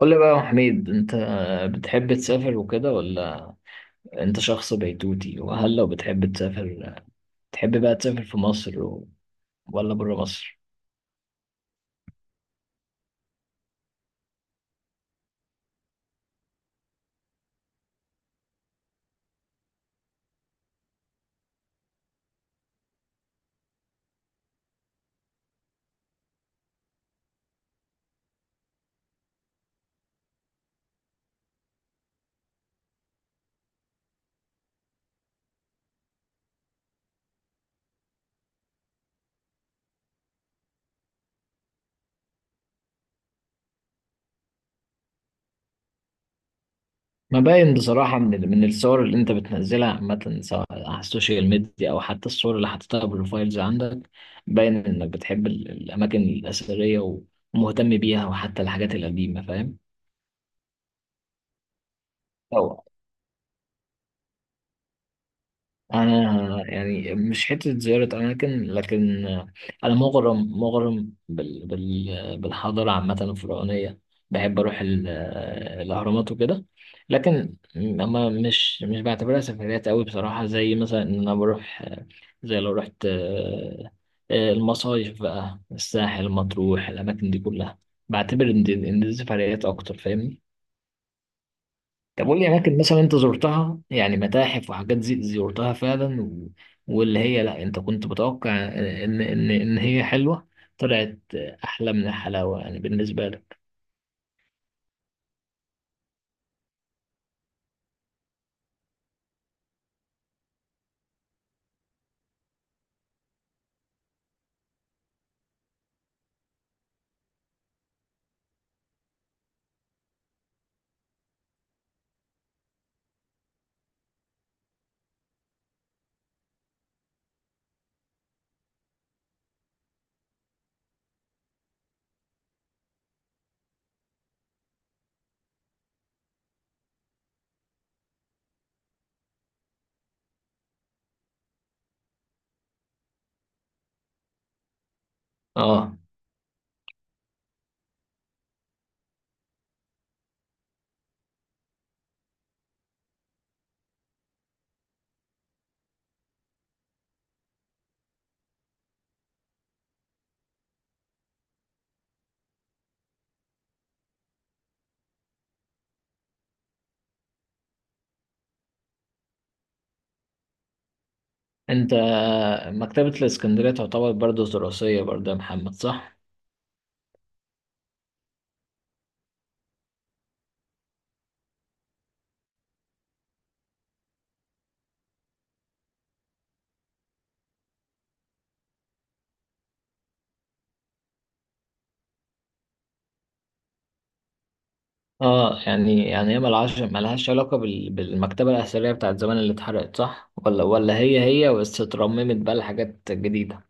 قول لي بقى يا حميد، انت بتحب تسافر وكده ولا انت شخص بيتوتي؟ وهل لو بتحب تسافر تحب بقى تسافر في مصر و- ولا بره مصر؟ ما باين بصراحة من من الصور اللي انت بتنزلها عامة، سواء على السوشيال ميديا او حتى الصور اللي حاططها بروفايلز عندك. باين انك بتحب الاماكن الاثرية ومهتم بيها، وحتى الحاجات القديمة، فاهم؟ انا يعني مش حته زياره اماكن، لكن انا مغرم مغرم بالحضاره عامه الفرعونيه. بحب اروح الاهرامات وكده، لكن اما مش بعتبرها سفريات قوي بصراحه، زي مثلا ان انا بروح، زي لو رحت المصايف بقى، الساحل، مطروح، الاماكن دي كلها بعتبر ان دي سفريات اكتر، فاهمني؟ طب قول لي اماكن مثلا انت زرتها، يعني متاحف وحاجات زي زرتها فعلا واللي هي لا، انت كنت متوقع ان هي حلوه، طلعت احلى من الحلاوه، يعني بالنسبه لك. اه، انت مكتبه الاسكندريه تعتبر برضه دراسيه برضه يا محمد، صح؟ اه، يعني هي ملهاش علاقه بالمكتبه الاثريه بتاعت زمان اللي اتحرقت، صح؟ ولا هي هي بس اترممت بقى لحاجات جديده؟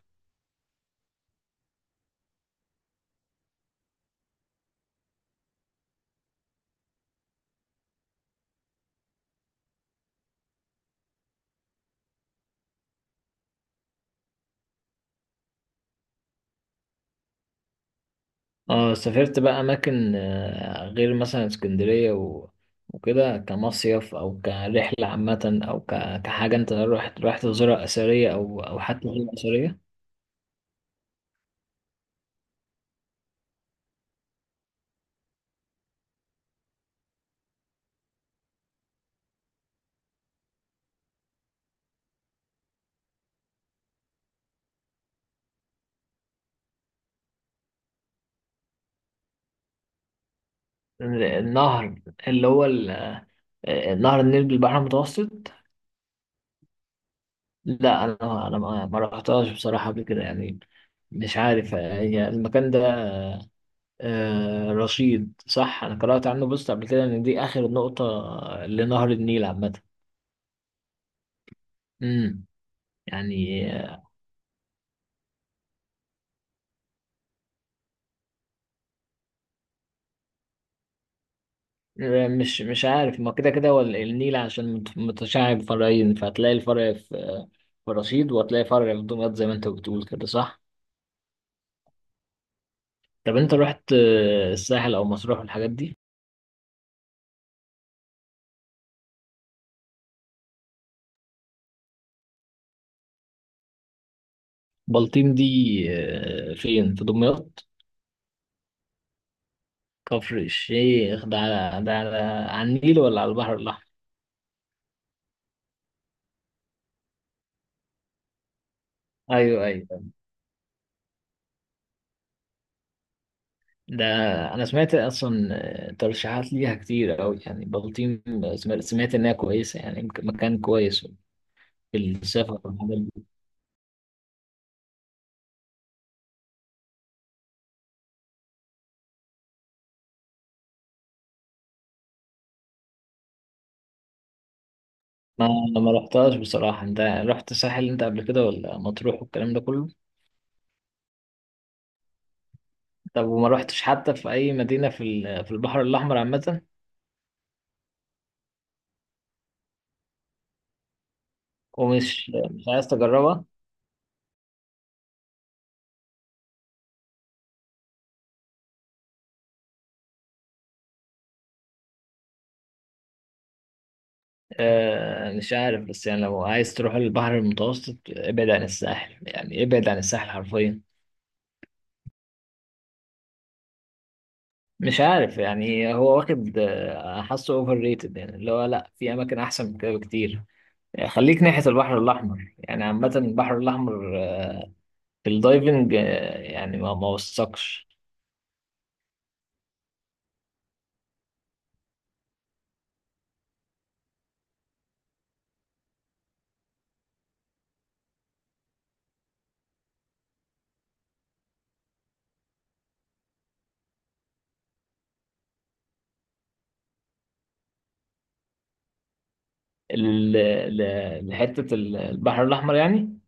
اه، سافرت بقى اماكن غير مثلا اسكندريه وكده، كمصيف او كرحله عامه، او كحاجه انت رحت تزورها اثريه او او حتى غير اثريه؟ النهر اللي هو نهر النيل بالبحر المتوسط. لا، انا ما رحتهاش بصراحه قبل كده يعني. مش عارف هي المكان ده. آه، رشيد، صح؟ انا قرات عنه بوست قبل كده ان دي اخر نقطه لنهر النيل عامه. امم، يعني. مش عارف، ما كده كده هو ال- النيل عشان متشعب فرعين، فهتلاقي الفرع في في رشيد، وهتلاقي فرع في دمياط، زي ما انت بتقول كده، صح؟ طب انت رحت آه، الساحل او مطروح والحاجات دي؟ بلطيم دي آه، فين، في دمياط؟ كفر الشيخ ده على، ده على، على النيل ولا على البحر الاحمر؟ ايوه، ايوه. ده انا سمعت اصلا آه، ترشيحات ليها كتير قوي يعني، بلطيم. سمعت انها كويسه، يعني مكان كويس في السفر. ما ما رحتهاش بصراحة. انت رحت الساحل انت قبل كده ولا مطروح والكلام ده كله؟ طب وما رحتش حتى في اي مدينة في ال- في البحر الاحمر عامة؟ ومش مش عايز تجربها؟ آه، مش عارف، بس يعني لو عايز تروح البحر المتوسط، ابعد عن الساحل، يعني ابعد عن الساحل حرفيا. مش عارف يعني، هو واخد آه، حاسه اوفر ريتد، يعني اللي هو لا، في اماكن احسن من كده بكتير. يعني خليك ناحية البحر الاحمر، يعني عامة البحر الاحمر آه، في الدايفنج آه، يعني ما وثقش ال-، لحتة ال- البحر الأحمر يعني.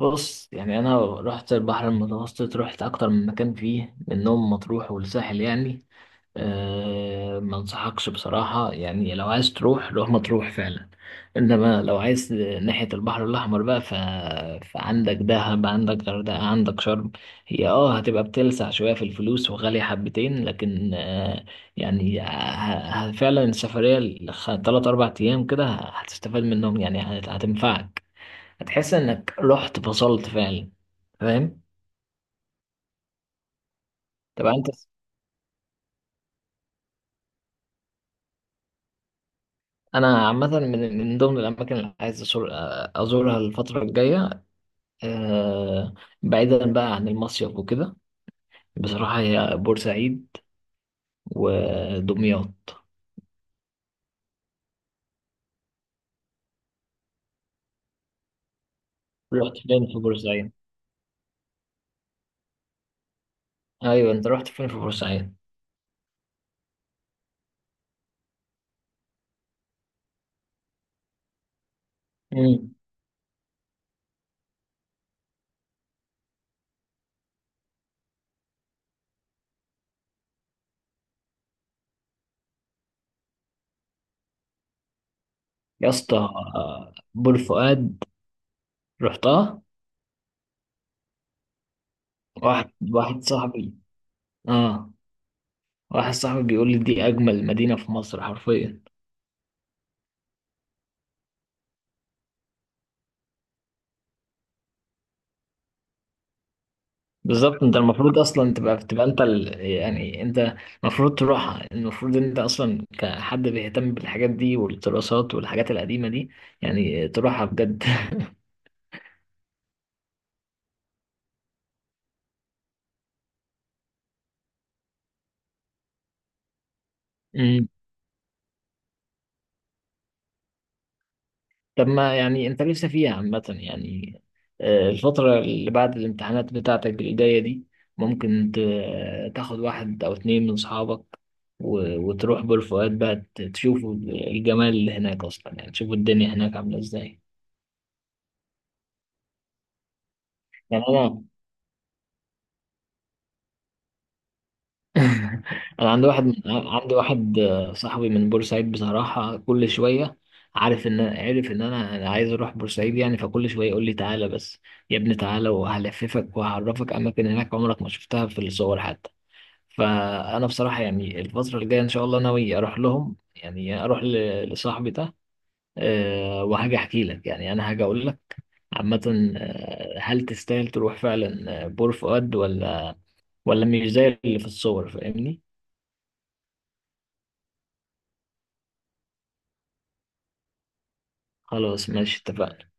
بص، يعني أنا رحت البحر المتوسط، رحت أكتر من مكان فيه منهم، مطروح والساحل يعني. أه، ما انصحكش بصراحة. يعني لو عايز تروح، روح مطروح فعلا، انما لو عايز ناحية البحر الاحمر بقى فعندك دهب، عندك غردقة، عندك شرم. هي اه هتبقى بتلسع شوية في الفلوس وغالية حبتين، لكن أه، يعني فعلا السفرية تلات اربع ايام كده هتستفاد منهم، يعني هتنفعك، هتحس انك رحت فصلت فعلا، فاهم؟ طب انت، انا عامه من من ضمن الاماكن اللي عايز أزور ازورها الفتره الجايه آه، بعيدا بقى عن المصيف وكده، بصراحه هي بورسعيد ودمياط. رحت فين في بورسعيد؟ ايوه، انت رحت فين في بورسعيد؟ مم. يا اسطى آه، بور فؤاد، رحتها؟ واحد واحد صاحبي. اه، واحد صاحبي بيقول لي دي اجمل مدينه في مصر حرفيا. بالظبط، انت المفروض اصلا تبقى انت يعني انت المفروض تروحها. المفروض انت اصلا كحد بيهتم بالحاجات دي والدراسات والحاجات القديمة دي، يعني تروحها بجد. امم. طب، ما يعني انت لسه فيها عامة يعني، آه، الفترة اللي بعد الامتحانات بتاعتك الجاية دي، ممكن تاخد واحد او اتنين من صحابك وتروح بالفؤاد بقى، تشوفوا الجمال اللي هناك اصلا، يعني تشوفوا الدنيا هناك عاملة ازاي. يعني انا انا عندي واحد آه، صاحبي من بورسعيد بصراحه، كل شويه عارف ان عارف ان انا أنا عايز اروح بورسعيد يعني، فكل شويه يقول لي تعالى بس يا ابني، تعالى وهلففك وهعرفك اماكن هناك عمرك ما شفتها في الصور حتى. فانا بصراحه يعني الفتره الجايه ان شاء الله ناوي اروح لهم، يعني اروح لصاحبي ده آه، وهاجي احكي لك، يعني انا هاجي اقول لك عامه آه، هل تستاهل تروح فعلا آه، بور فؤاد ولا مش زي اللي في الصور، فاهمني؟ خلاص ماشي، اتفقنا.